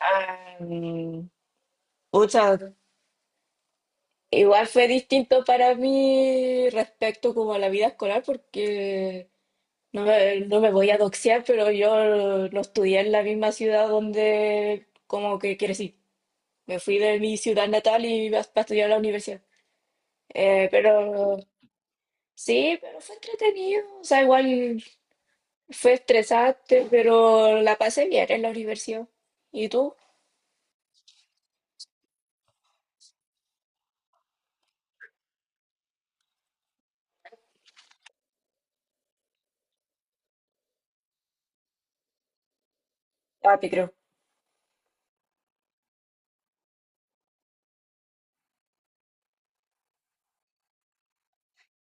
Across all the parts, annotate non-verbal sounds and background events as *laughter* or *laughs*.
Am, pucha, Igual fue distinto para mí respecto como a la vida escolar porque no me voy a doxear, pero yo no estudié en la misma ciudad donde como que crecí. Me fui de mi ciudad natal y iba para estudiar a la universidad. Pero sí, pero fue entretenido. O sea, igual fue estresante, pero la pasé bien en la universidad. ¿Y tú? Papi, creo.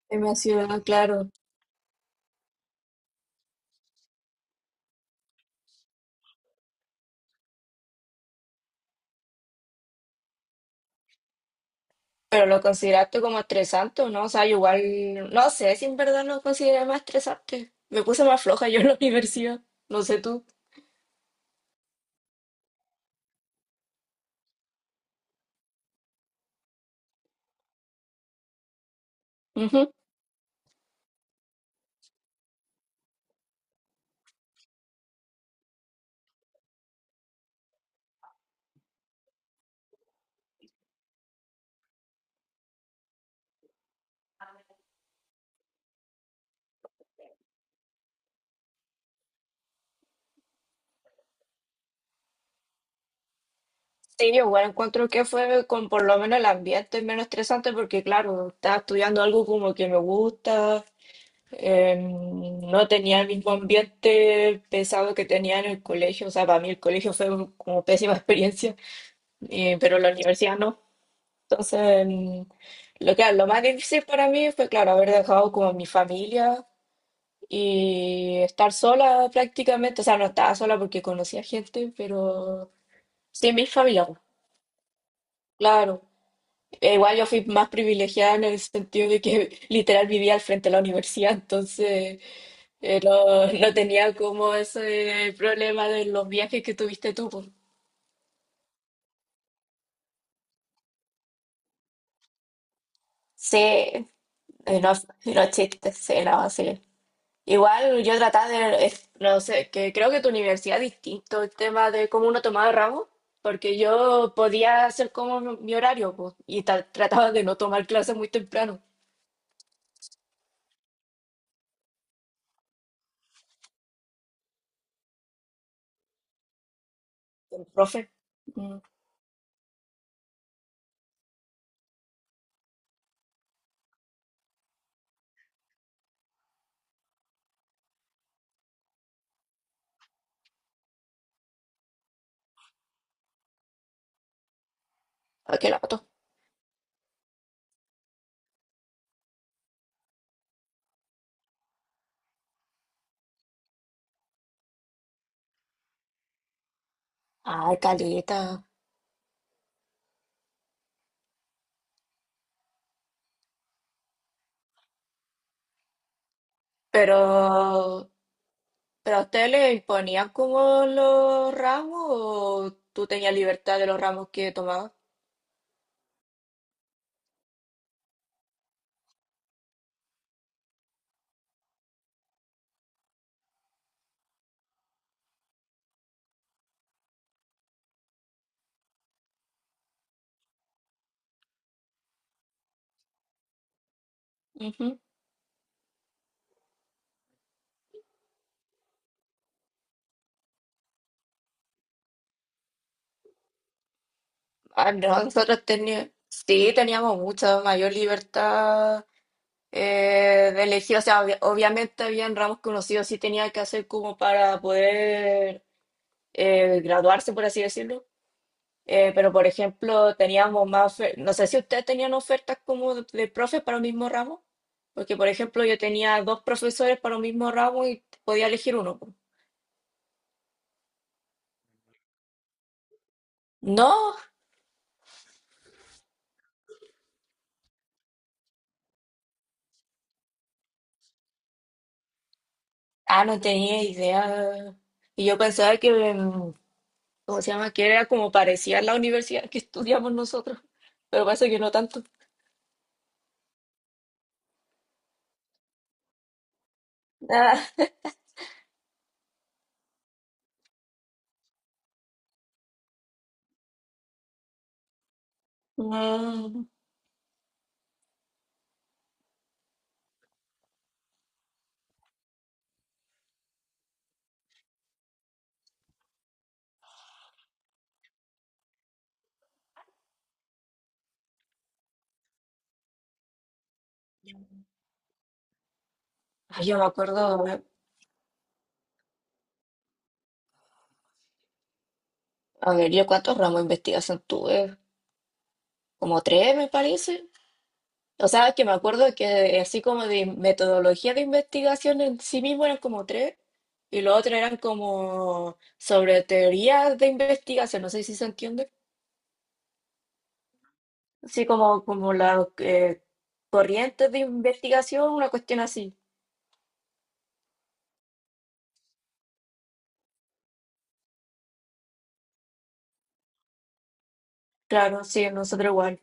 En mi ciudad, claro. Pero lo consideraste como estresante o no, o sea, yo igual, no sé si en verdad lo consideré más estresante. Me puse más floja yo en la *laughs* universidad, no sé tú. Ujú. Sí, yo igual encuentro que fue con por lo menos el ambiente menos estresante porque claro, estaba estudiando algo como que me gusta, no tenía el mismo ambiente pesado que tenía en el colegio, o sea, para mí el colegio fue como pésima *laughs* experiencia, pero la universidad no. Entonces, lo más difícil para mí fue, claro, haber dejado como mi familia y estar sola prácticamente. O sea, no estaba sola porque conocía gente, pero sí, mi familia, pues, claro. E igual yo fui más privilegiada en el sentido de que *laughs* literal vivía al frente de la universidad, entonces no tenía como ese problema de los viajes que tuviste tú, pues. Sí, no, no chistes, sí, no, sí. Igual yo trataba de, no sé, que creo que tu universidad es distinto el tema de cómo uno tomaba ramos, porque yo podía hacer como mi horario, pues, y trataba de no tomar clases muy temprano. El profe, mm, ¿a qué la mató? Ay, caleta. Pero, ¿Pero a usted le imponían como los ramos o tú tenías libertad de los ramos que tomabas? Ujú. Ah, no, nosotros teníamos, sí, teníamos mucha mayor libertad de elegir, o sea, obviamente habían ramos conocidos sí sí tenía que hacer como para poder graduarse, por así decirlo. Pero, por ejemplo, teníamos más, no sé si ustedes tenían ofertas como de profes para un mismo ramo, porque, por ejemplo, yo tenía dos profesores para un mismo ramo y podía elegir uno, po. No, ah, no tenía idea. Y yo pensaba que, ¿cómo se llama? Que era como parecía la universidad que estudiamos nosotros, pero parece que no tanto. Ah. *laughs* Mm. Ay, yo me acuerdo, a ver, yo cuántos ramos de investigación tuve, como tres me parece. O sea, que me acuerdo que así como de metodología de investigación en sí mismo eran como tres, y lo otro eran como sobre teorías de investigación, no sé si se entiende. Así como, como las corrientes de investigación, una cuestión así. Claro, sí, nosotros igual.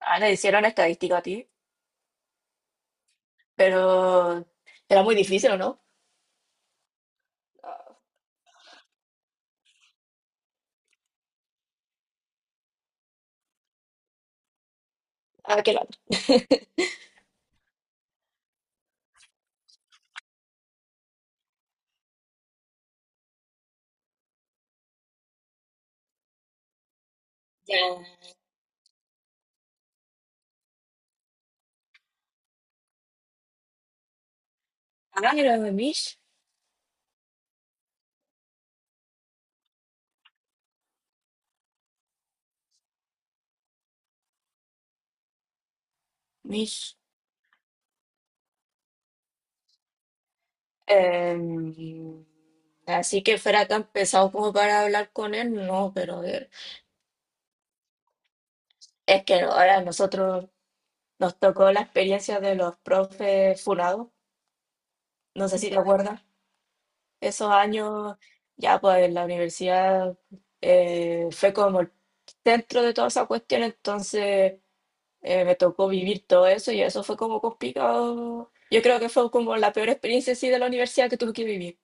Ah, le hicieron estadística a ti, pero era muy difícil, ¿o no? Ah, qué lata. Ya. Ah, era de Mish. Mish, em, así que fuera tan pesado como para hablar con él, no, pero es que ahora nosotros nos tocó la experiencia de los profes funados, no sé si te acuerdas, esos años ya pues en la universidad fue como el centro de toda esa cuestión, entonces me tocó vivir todo eso y eso fue como complicado. Yo creo que fue como la peor experiencia sí de la universidad que tuve que vivir,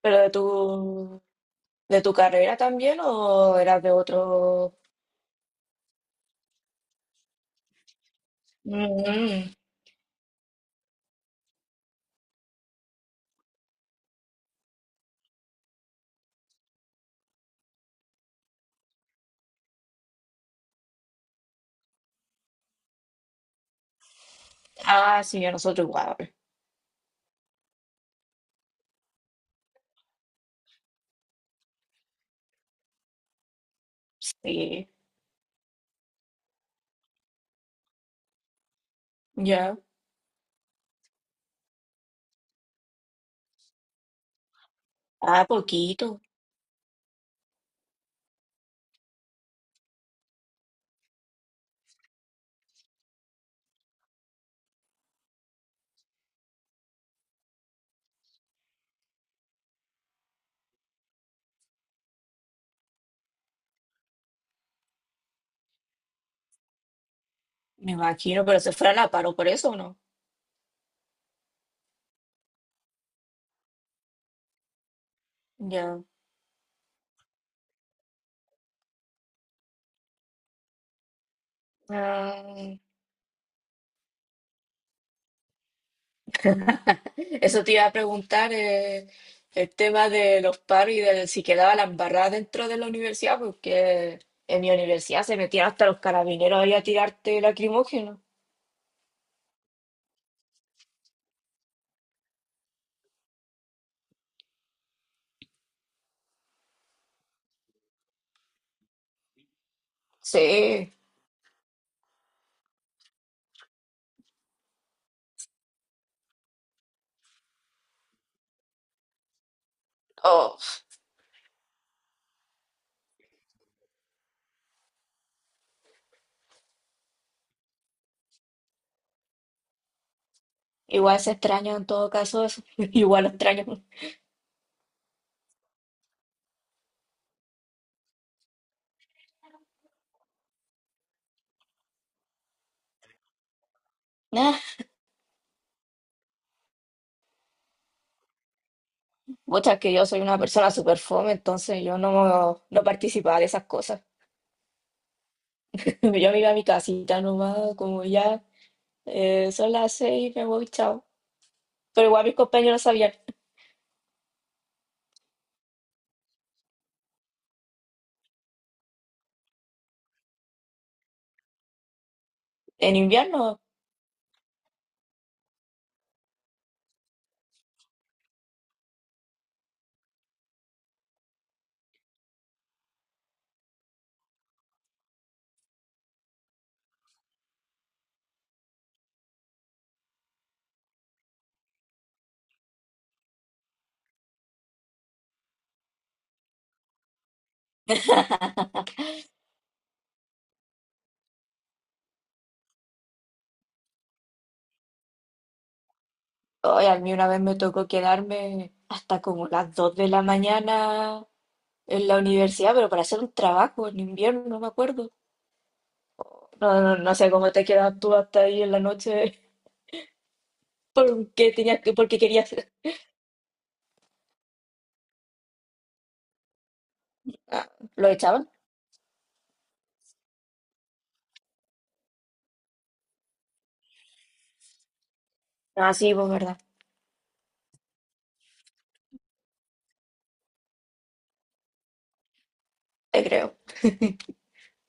pero tú... ¿De tu carrera también o eras de otro? Mm, Ah, sí, a nosotros igual. Sí, ya. Ah, poquito, me imagino, pero se fue a la paro por eso, ¿o no? Ya. Ah, eso te iba a preguntar, el tema de los paros y de si quedaba la embarrada dentro de la universidad, porque en mi universidad se metían hasta los carabineros ahí a tirarte lacrimógeno. Sí. Oh, igual se extraña en todo caso eso. *laughs* Igual lo extraño. *laughs* Muchas que yo soy una persona súper fome, entonces yo no, no participaba de esas cosas. *laughs* Yo me iba a mi casita nomás, como ya son las 6, me voy, chao. Pero igual mis compañeros sabían. En invierno, hoy a mí una vez me tocó quedarme hasta como las 2 de la mañana en la universidad, pero para hacer un trabajo en invierno, no me acuerdo. No, no, no sé cómo te quedas tú hasta ahí en la noche, *laughs* porque tenías que, porque querías. Ah, ¿lo echaban? Ah, sí, pues verdad, te creo.